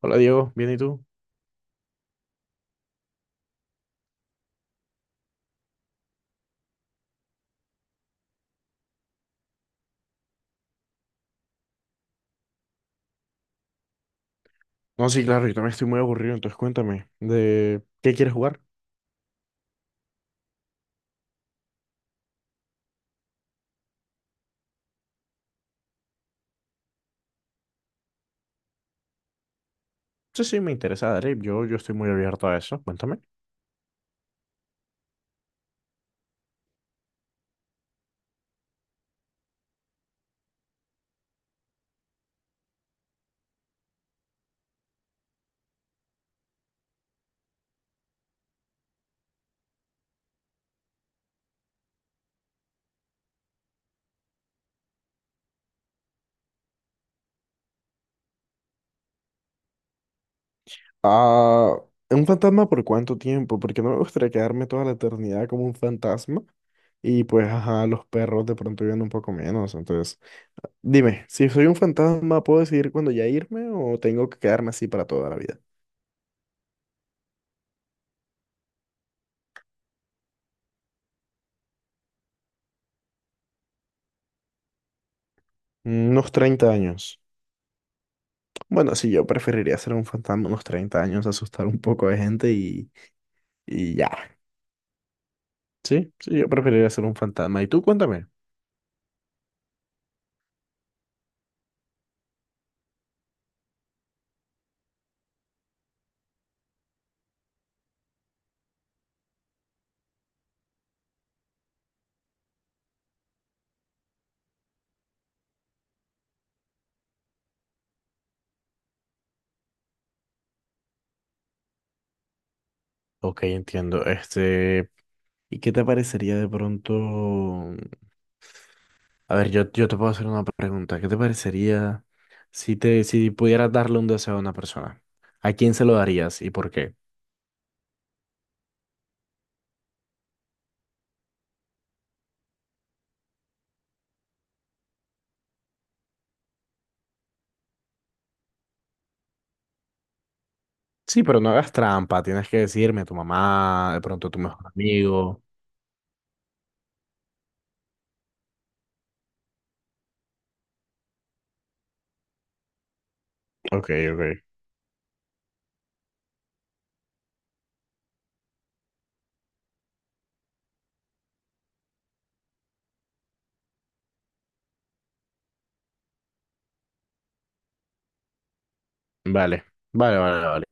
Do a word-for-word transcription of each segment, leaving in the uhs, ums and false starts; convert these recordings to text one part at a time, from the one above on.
Hola Diego, ¿bien y tú? No, sí, claro, yo también estoy muy aburrido, entonces cuéntame, ¿de qué quieres jugar? Sí, sí, me interesa, dale, yo, yo estoy muy abierto a eso, cuéntame. Ah, ¿un fantasma por cuánto tiempo? Porque no me gustaría quedarme toda la eternidad como un fantasma y pues, ajá, los perros de pronto viven un poco menos, entonces, dime, si soy un fantasma, ¿puedo decidir cuándo ya irme o tengo que quedarme así para toda la vida? Unos treinta años. Bueno, sí, yo preferiría ser un fantasma unos treinta años, asustar un poco de gente y, y ya. Sí, sí, yo preferiría ser un fantasma. ¿Y tú? Cuéntame. Ok, entiendo. Este, ¿y qué te parecería de pronto? A ver, yo, yo te puedo hacer una pregunta. ¿Qué te parecería si te, si pudieras darle un deseo a una persona? ¿A quién se lo darías y por qué? Sí, pero no hagas trampa. Tienes que decirme a tu mamá, de pronto a tu mejor amigo. Ok, ok. Vale, vale, vale, vale.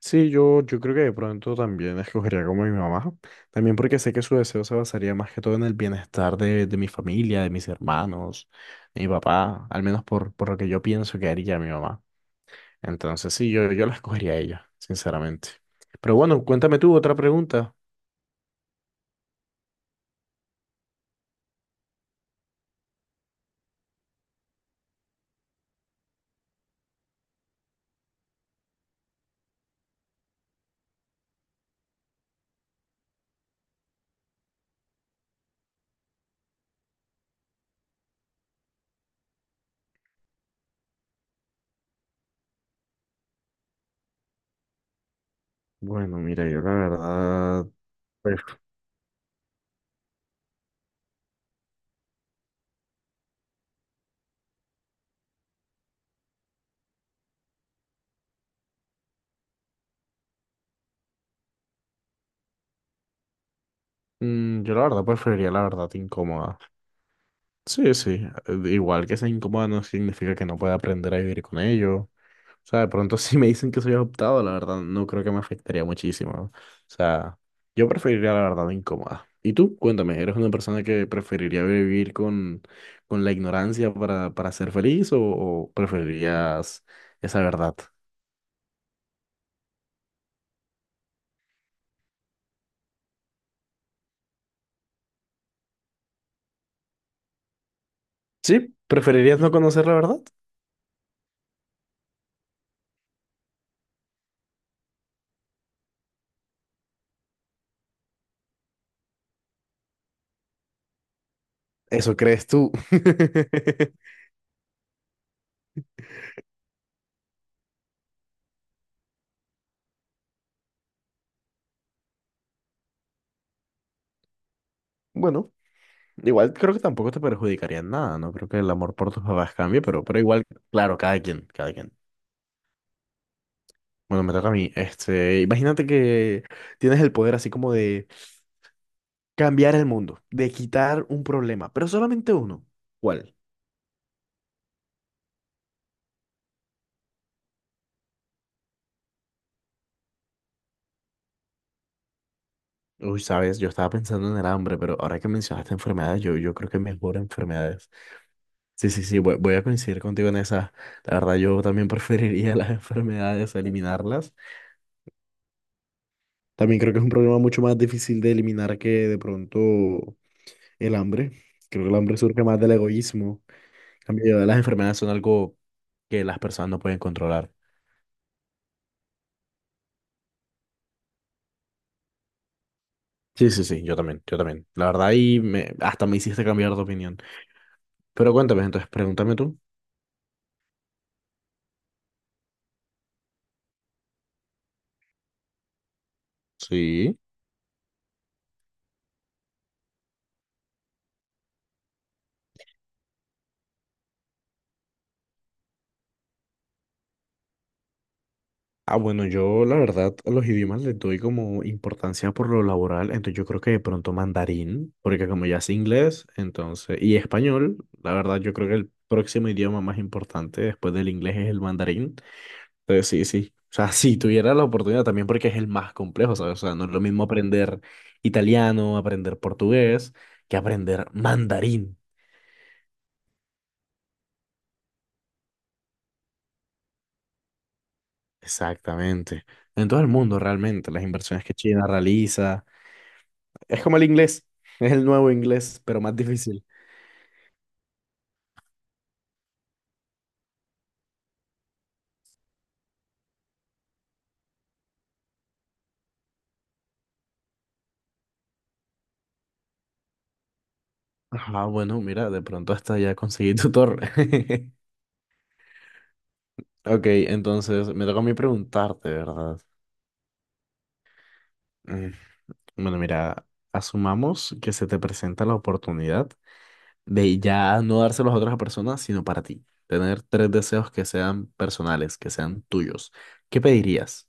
Sí, yo, yo creo que de pronto también escogería como mi mamá, también porque sé que su deseo se basaría más que todo en el bienestar de, de mi familia, de mis hermanos, de mi papá, al menos por, por lo que yo pienso que haría mi mamá. Entonces sí, yo, yo la escogería a ella, sinceramente. Pero bueno, cuéntame tú otra pregunta. Bueno, mira, yo la verdad, pues, mm, yo la verdad preferiría la verdad incómoda. Sí, sí. eh, Igual que sea incómoda no significa que no pueda aprender a vivir con ello. O sea, de pronto si me dicen que soy adoptado, la verdad no creo que me afectaría muchísimo. O sea, yo preferiría la verdad incómoda. Y tú, cuéntame, ¿eres una persona que preferiría vivir con, con la ignorancia para, para ser feliz o, o preferirías esa verdad? Sí, ¿preferirías no conocer la verdad? Eso crees tú. Bueno. Igual creo que tampoco te perjudicaría en nada, no creo que el amor por tus papás cambie, pero, pero igual, claro, cada quien, cada quien. Bueno, me toca a mí. Este, imagínate que tienes el poder así como de cambiar el mundo, de quitar un problema, pero solamente uno. ¿Cuál? Uy, sabes, yo estaba pensando en el hambre, pero ahora que mencionaste enfermedades, yo, yo creo que mejor enfermedades. Sí, sí, sí, voy, voy a coincidir contigo en esa. La verdad, yo también preferiría las enfermedades, eliminarlas. También creo que es un problema mucho más difícil de eliminar que de pronto el hambre. Creo que el hambre surge más del egoísmo. En cambio, las enfermedades son algo que las personas no pueden controlar. Sí, sí, sí, yo también, yo también. La verdad, ahí me, hasta me hiciste cambiar de opinión. Pero cuéntame, entonces, pregúntame tú. Sí. Ah, bueno, yo la verdad a los idiomas les doy como importancia por lo laboral, entonces yo creo que de pronto mandarín, porque como ya es inglés, entonces, y español, la verdad yo creo que el próximo idioma más importante después del inglés es el mandarín. Entonces, sí, sí. O sea, si tuviera la oportunidad también porque es el más complejo, ¿sabes? O sea, no es lo mismo aprender italiano, aprender portugués, que aprender mandarín. Exactamente. En todo el mundo, realmente, las inversiones que China realiza. Es como el inglés, es el nuevo inglés, pero más difícil. Ah, bueno, mira, de pronto hasta ya conseguí tutor. Ok, entonces me toca a mí preguntarte, ¿verdad? Mm, Bueno, mira, asumamos que se te presenta la oportunidad. Ve, y ya no dárselos a otras personas, sino para ti. Tener tres deseos que sean personales, que sean tuyos. ¿Qué pedirías?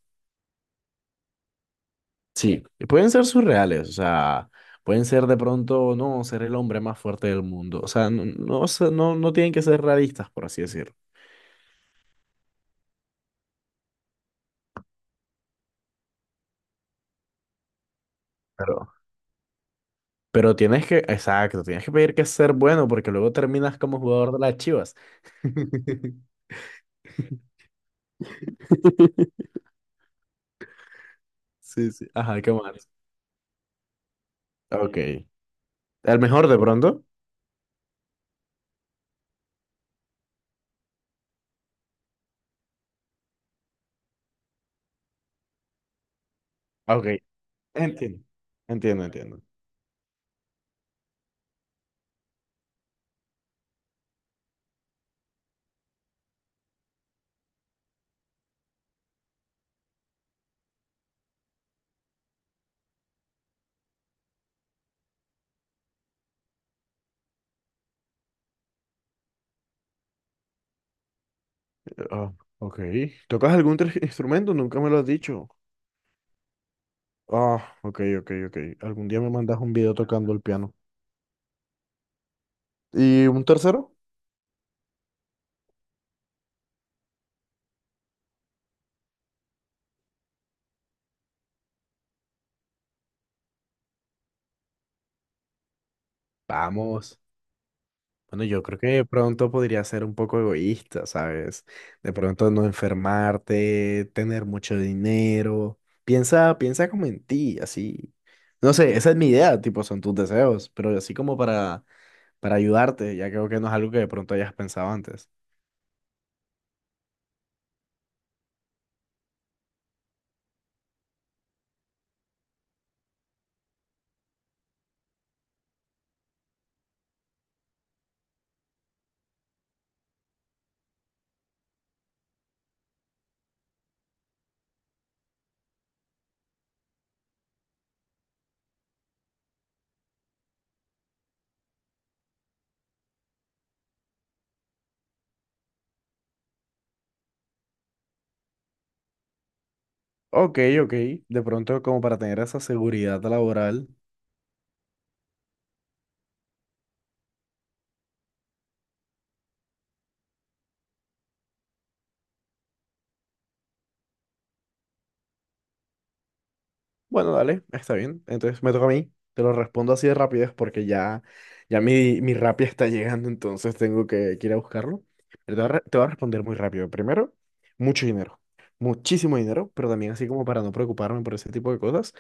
Sí, y pueden ser surreales, o sea, pueden ser de pronto, no, ser el hombre más fuerte del mundo. O sea, no, no, sé, no, no tienen que ser realistas, por así decirlo. Pero, pero tienes que, exacto, tienes que pedir que ser bueno, porque luego terminas como jugador de las Chivas. Sí, sí. Ajá, qué más. Ok. El mejor de pronto. Ok. Entiendo. Entiendo, entiendo. Ah, ok. ¿Tocas algún tre- instrumento? Nunca me lo has dicho. Ah, ok, ok, ok. Algún día me mandas un video tocando el piano. ¿Y un tercero? Vamos. Bueno, yo creo que de pronto podría ser un poco egoísta, ¿sabes? De pronto no enfermarte, tener mucho dinero. Piensa, piensa como en ti, así. No sé, esa es mi idea, tipo, son tus deseos, pero así como para, para ayudarte, ya creo que no es algo que de pronto hayas pensado antes. Ok, ok. De pronto, como para tener esa seguridad laboral. Bueno, dale, está bien. Entonces me toca a mí. Te lo respondo así de rapidez porque ya, ya mi, mi Rappi está llegando, entonces tengo que, que ir a buscarlo. Pero te voy a, re- te voy a responder muy rápido. Primero, mucho dinero. Muchísimo dinero, pero también así como para no preocuparme por ese tipo de cosas.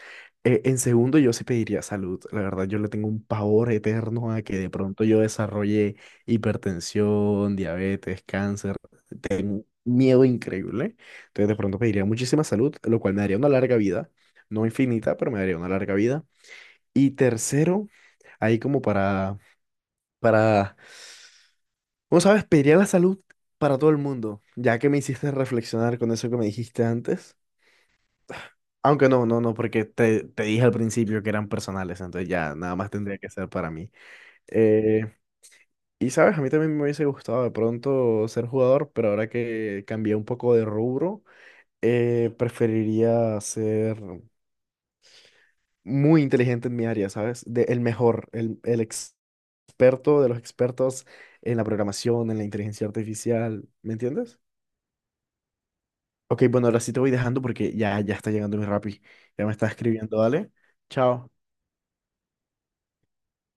Eh, en segundo, yo sí pediría salud. La verdad, yo le tengo un pavor eterno a que de pronto yo desarrolle hipertensión, diabetes, cáncer. Miedo increíble. Entonces de pronto pediría muchísima salud, lo cual me daría una larga vida. No infinita, pero me daría una larga vida. Y tercero, ahí como para, para, ¿cómo sabes? Pediría la salud para todo el mundo, ya que me hiciste reflexionar con eso que me dijiste antes. Aunque no, no, no, porque te, te dije al principio que eran personales, entonces ya nada más tendría que ser para mí. Eh, y sabes, a mí también me hubiese gustado de pronto ser jugador, pero ahora que cambié un poco de rubro, eh, preferiría ser muy inteligente en mi área, ¿sabes? De- el mejor, el, el ex- experto de los expertos en la programación, en la inteligencia artificial, ¿me entiendes? Ok, bueno, ahora sí te voy dejando porque ya, ya está llegando mi Rappi. Ya me está escribiendo, dale. Chao.